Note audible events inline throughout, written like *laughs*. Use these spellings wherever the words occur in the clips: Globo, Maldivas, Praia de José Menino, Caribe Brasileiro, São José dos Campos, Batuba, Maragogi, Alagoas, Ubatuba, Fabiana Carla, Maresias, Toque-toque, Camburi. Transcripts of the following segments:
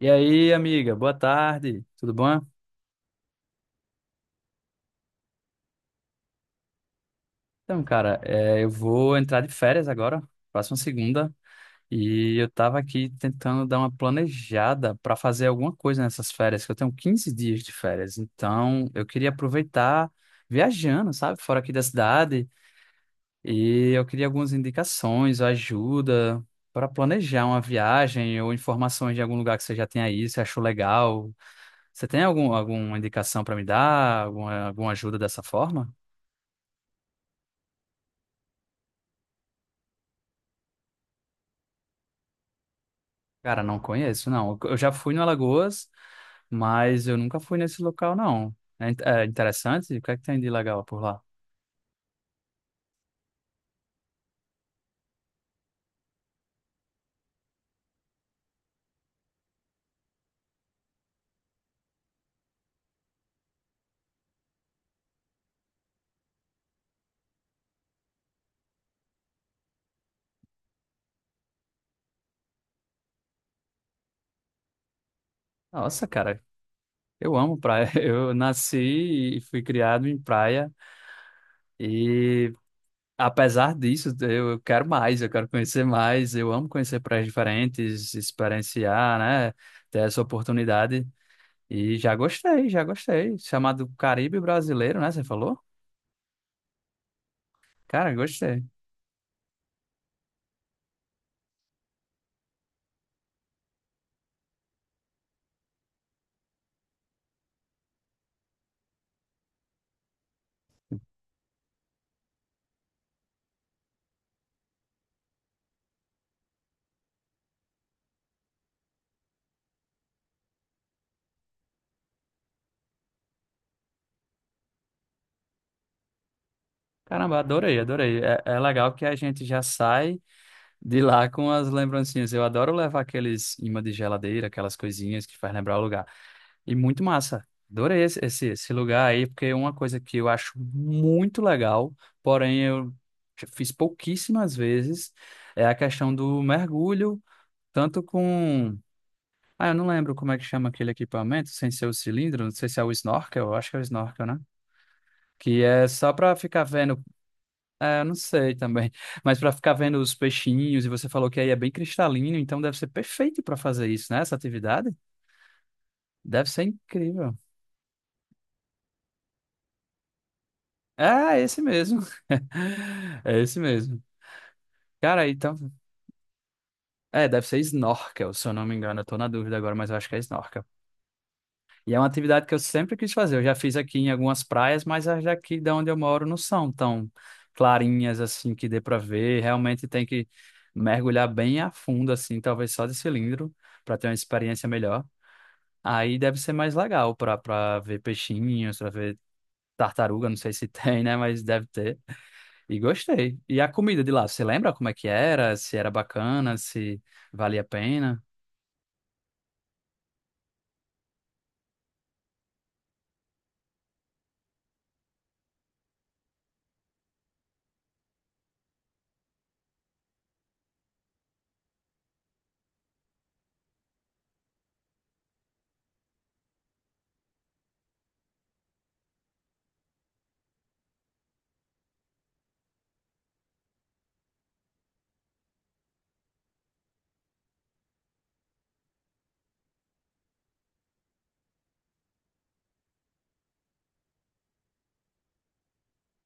E aí, amiga, boa tarde, tudo bom? Então, cara, é, eu vou entrar de férias agora, próxima segunda, e eu tava aqui tentando dar uma planejada para fazer alguma coisa nessas férias, que eu tenho 15 dias de férias, então eu queria aproveitar viajando, sabe, fora aqui da cidade, e eu queria algumas indicações ajuda para planejar uma viagem ou informações de algum lugar que você já tem aí, se achou legal. Você tem alguma indicação para me dar, alguma ajuda dessa forma? Cara, não conheço, não. Eu já fui no Alagoas, mas eu nunca fui nesse local, não. É, é interessante? O que é que tem de legal por lá? Nossa, cara, eu amo praia. *laughs* Eu nasci e fui criado em praia. E apesar disso, eu quero mais, eu quero conhecer mais. Eu amo conhecer praias diferentes, experienciar, né? Ter essa oportunidade. E já gostei, já gostei. Chamado Caribe Brasileiro, né? Você falou? Cara, gostei. Caramba, adorei, adorei. É, é legal que a gente já sai. De lá com as lembrancinhas. Eu adoro levar aqueles imãs de geladeira, aquelas coisinhas que faz lembrar o lugar. E muito massa. Adorei esse lugar aí, porque é uma coisa que eu acho muito legal, porém eu já fiz pouquíssimas vezes, é a questão do mergulho, tanto com. Ah, eu não lembro como é que chama aquele equipamento, sem ser o cilindro, não sei se é o snorkel, eu acho que é o snorkel, né? Que é só para ficar vendo é, eu não sei também. Mas para ficar vendo os peixinhos, e você falou que aí é bem cristalino, então deve ser perfeito para fazer isso, né? Essa atividade deve ser incrível. É, é esse mesmo. *laughs* É esse mesmo. Cara, então. É, deve ser snorkel, se eu não me engano. Eu tô na dúvida agora, mas eu acho que é snorkel. E é uma atividade que eu sempre quis fazer. Eu já fiz aqui em algumas praias, mas as daqui de onde eu moro não são tão clarinhas assim que dê para ver. Realmente tem que mergulhar bem a fundo, assim, talvez só de cilindro, para ter uma experiência melhor. Aí deve ser mais legal pra ver peixinhos, pra ver tartaruga, não sei se *laughs* tem, né? Mas deve ter. E gostei. E a comida de lá, você lembra como é que era? Se era bacana, se valia a pena?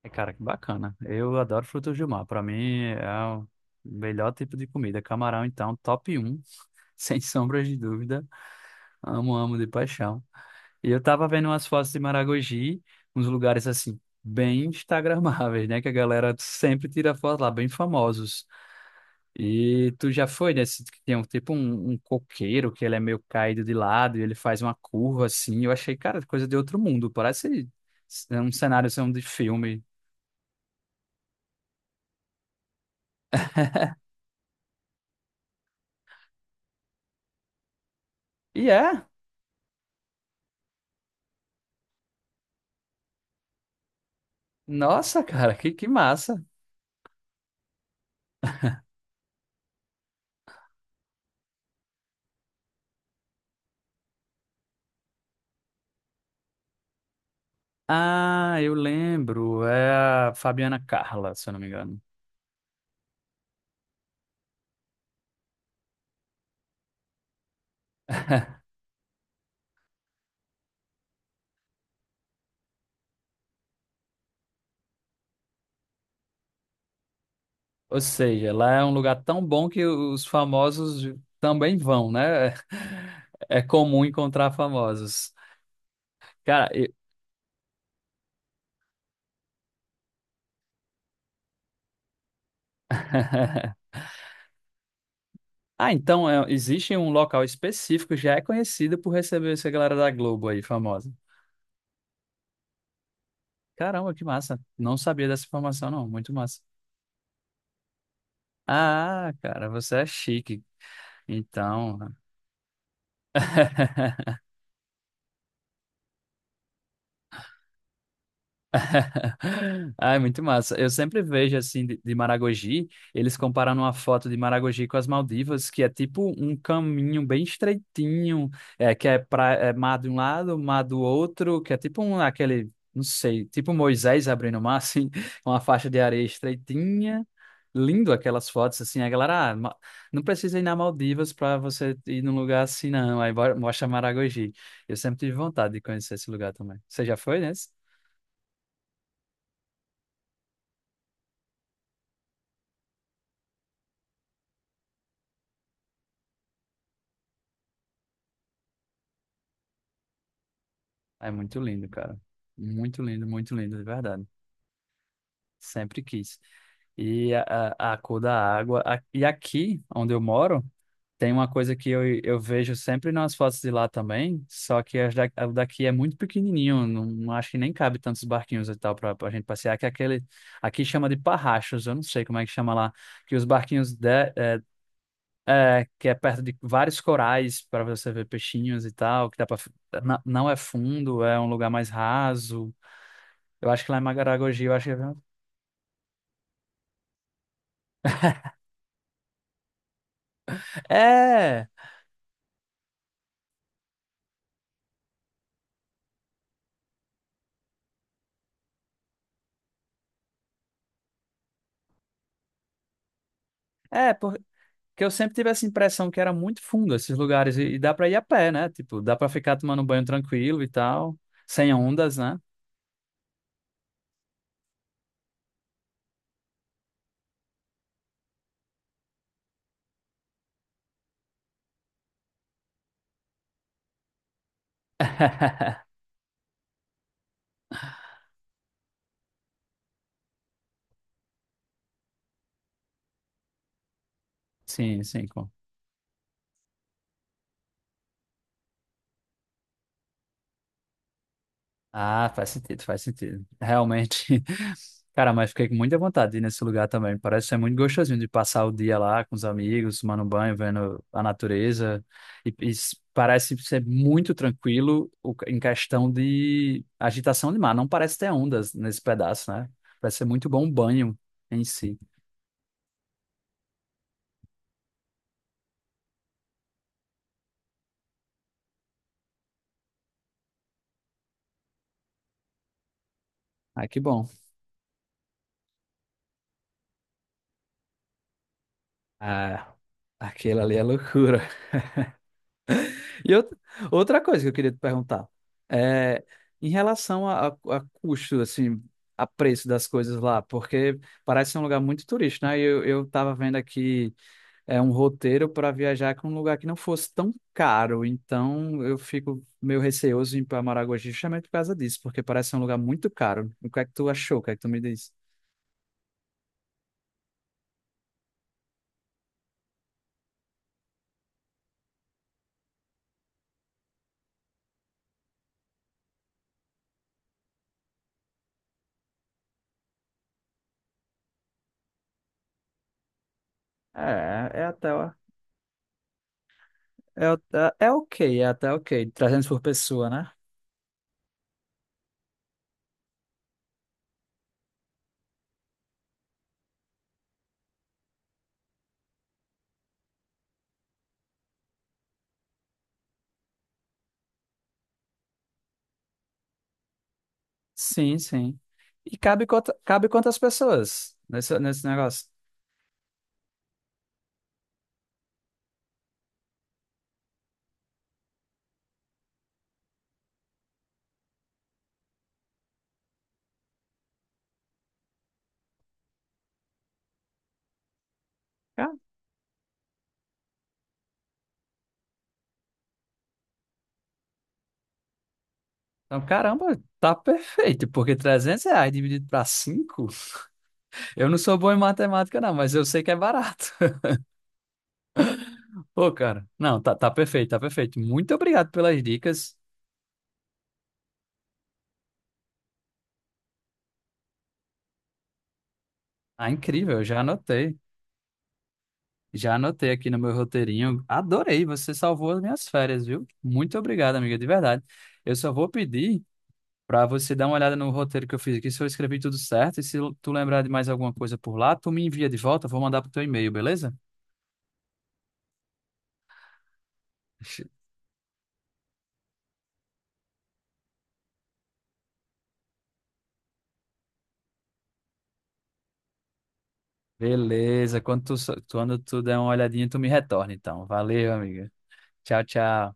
E, cara, que bacana. Eu adoro frutos do mar. Pra mim é o melhor tipo de comida. Camarão, então, top um, *laughs* sem sombras de dúvida. Amo, amo de paixão. E eu tava vendo umas fotos de Maragogi, uns lugares assim, bem instagramáveis, né? Que a galera sempre tira foto lá, bem famosos. E tu já foi nesse que tem um tipo um, um coqueiro que ele é meio caído de lado e ele faz uma curva assim. Eu achei, cara, coisa de outro mundo. Parece um cenário assim, de filme. E é, nossa, cara, que massa. Ah, eu lembro. É a Fabiana Carla, se eu não me engano. *laughs* Ou seja, lá é um lugar tão bom que os famosos também vão, né? *laughs* É comum encontrar famosos. Cara, eu... *laughs* Ah, então é, existe um local específico que já é conhecido por receber essa galera da Globo aí, famosa. Caramba, que massa. Não sabia dessa informação, não. Muito massa. Ah, cara, você é chique. Então. *laughs* *laughs* Ai, muito massa. Eu sempre vejo assim de, Maragogi, eles comparando uma foto de Maragogi com as Maldivas, que é tipo um caminho bem estreitinho, é, que é, pra, é mar de um lado, mar do outro, que é tipo um, aquele, não sei, tipo um Moisés abrindo o mar, assim, *laughs* uma faixa de areia estreitinha. Lindo aquelas fotos, assim, a galera, ah, não precisa ir na Maldivas para você ir num lugar assim, não. Aí mostra Maragogi. Eu sempre tive vontade de conhecer esse lugar também. Você já foi né? É muito lindo, cara. Muito lindo, de verdade. Sempre quis. E a, a cor da água. A- e aqui, onde eu moro, tem uma coisa que eu vejo sempre nas fotos de lá também, só que as da, a daqui é muito pequenininho, não, não acho que nem cabe tantos barquinhos e tal para a gente passear, que é aquele, aqui chama de parrachos, eu não sei como é que chama lá, que os barquinhos de, é, é, que é perto de vários corais para você ver peixinhos e tal, que dá para não é fundo, é um lugar mais raso. Eu acho que lá em Maragogi, eu acho que... É, é, porque eu sempre tive essa impressão que era muito fundo esses lugares e dá pra ir a pé, né? Tipo, dá pra ficar tomando banho tranquilo e tal, sem ondas, né? *laughs* Sim, sim. Ah, faz sentido, faz sentido. Realmente. *laughs* Cara, mas fiquei com muita vontade de ir nesse lugar também. Parece ser muito gostosinho de passar o dia lá com os amigos, tomando banho, vendo a natureza. E parece ser muito tranquilo em questão de agitação de mar. Não parece ter ondas nesse pedaço, né? Parece ser muito bom o banho em si. Ah, que bom. Ah, aquilo ali é loucura. E outra, outra coisa que eu queria te perguntar é em relação a, a custo, assim, a preço das coisas lá, porque parece ser um lugar muito turístico, né? E eu tava vendo aqui é um roteiro para viajar com um lugar que não fosse tão caro, então eu fico meio receoso em ir para Maragogi justamente por causa disso, porque parece ser um lugar muito caro. O que é que tu achou? O que é que tu me diz? É até, é, o- é ok. é até ok. 300 por pessoa, né? Sim, sim. E cabe, cabe quantas pessoas nesse negócio? Ca- Então, caramba, tá perfeito, porque 300 reais dividido para cinco. *laughs* Eu não sou bom em matemática, não, mas eu sei que é barato. *laughs* Pô, cara, não, tá, tá perfeito, tá perfeito. Muito obrigado pelas dicas. Ah, incrível, eu já anotei. Já anotei aqui no meu roteirinho. Adorei, você salvou as minhas férias, viu? Muito obrigado, amiga, de verdade. Eu só vou pedir para você dar uma olhada no roteiro que eu fiz aqui, se eu escrevi tudo certo, e se tu lembrar de mais alguma coisa por lá, tu me envia de volta, vou mandar pro teu e-mail, beleza? Beleza, quando tu der uma olhadinha, tu me retorna, então. Valeu, amiga. Tchau, tchau.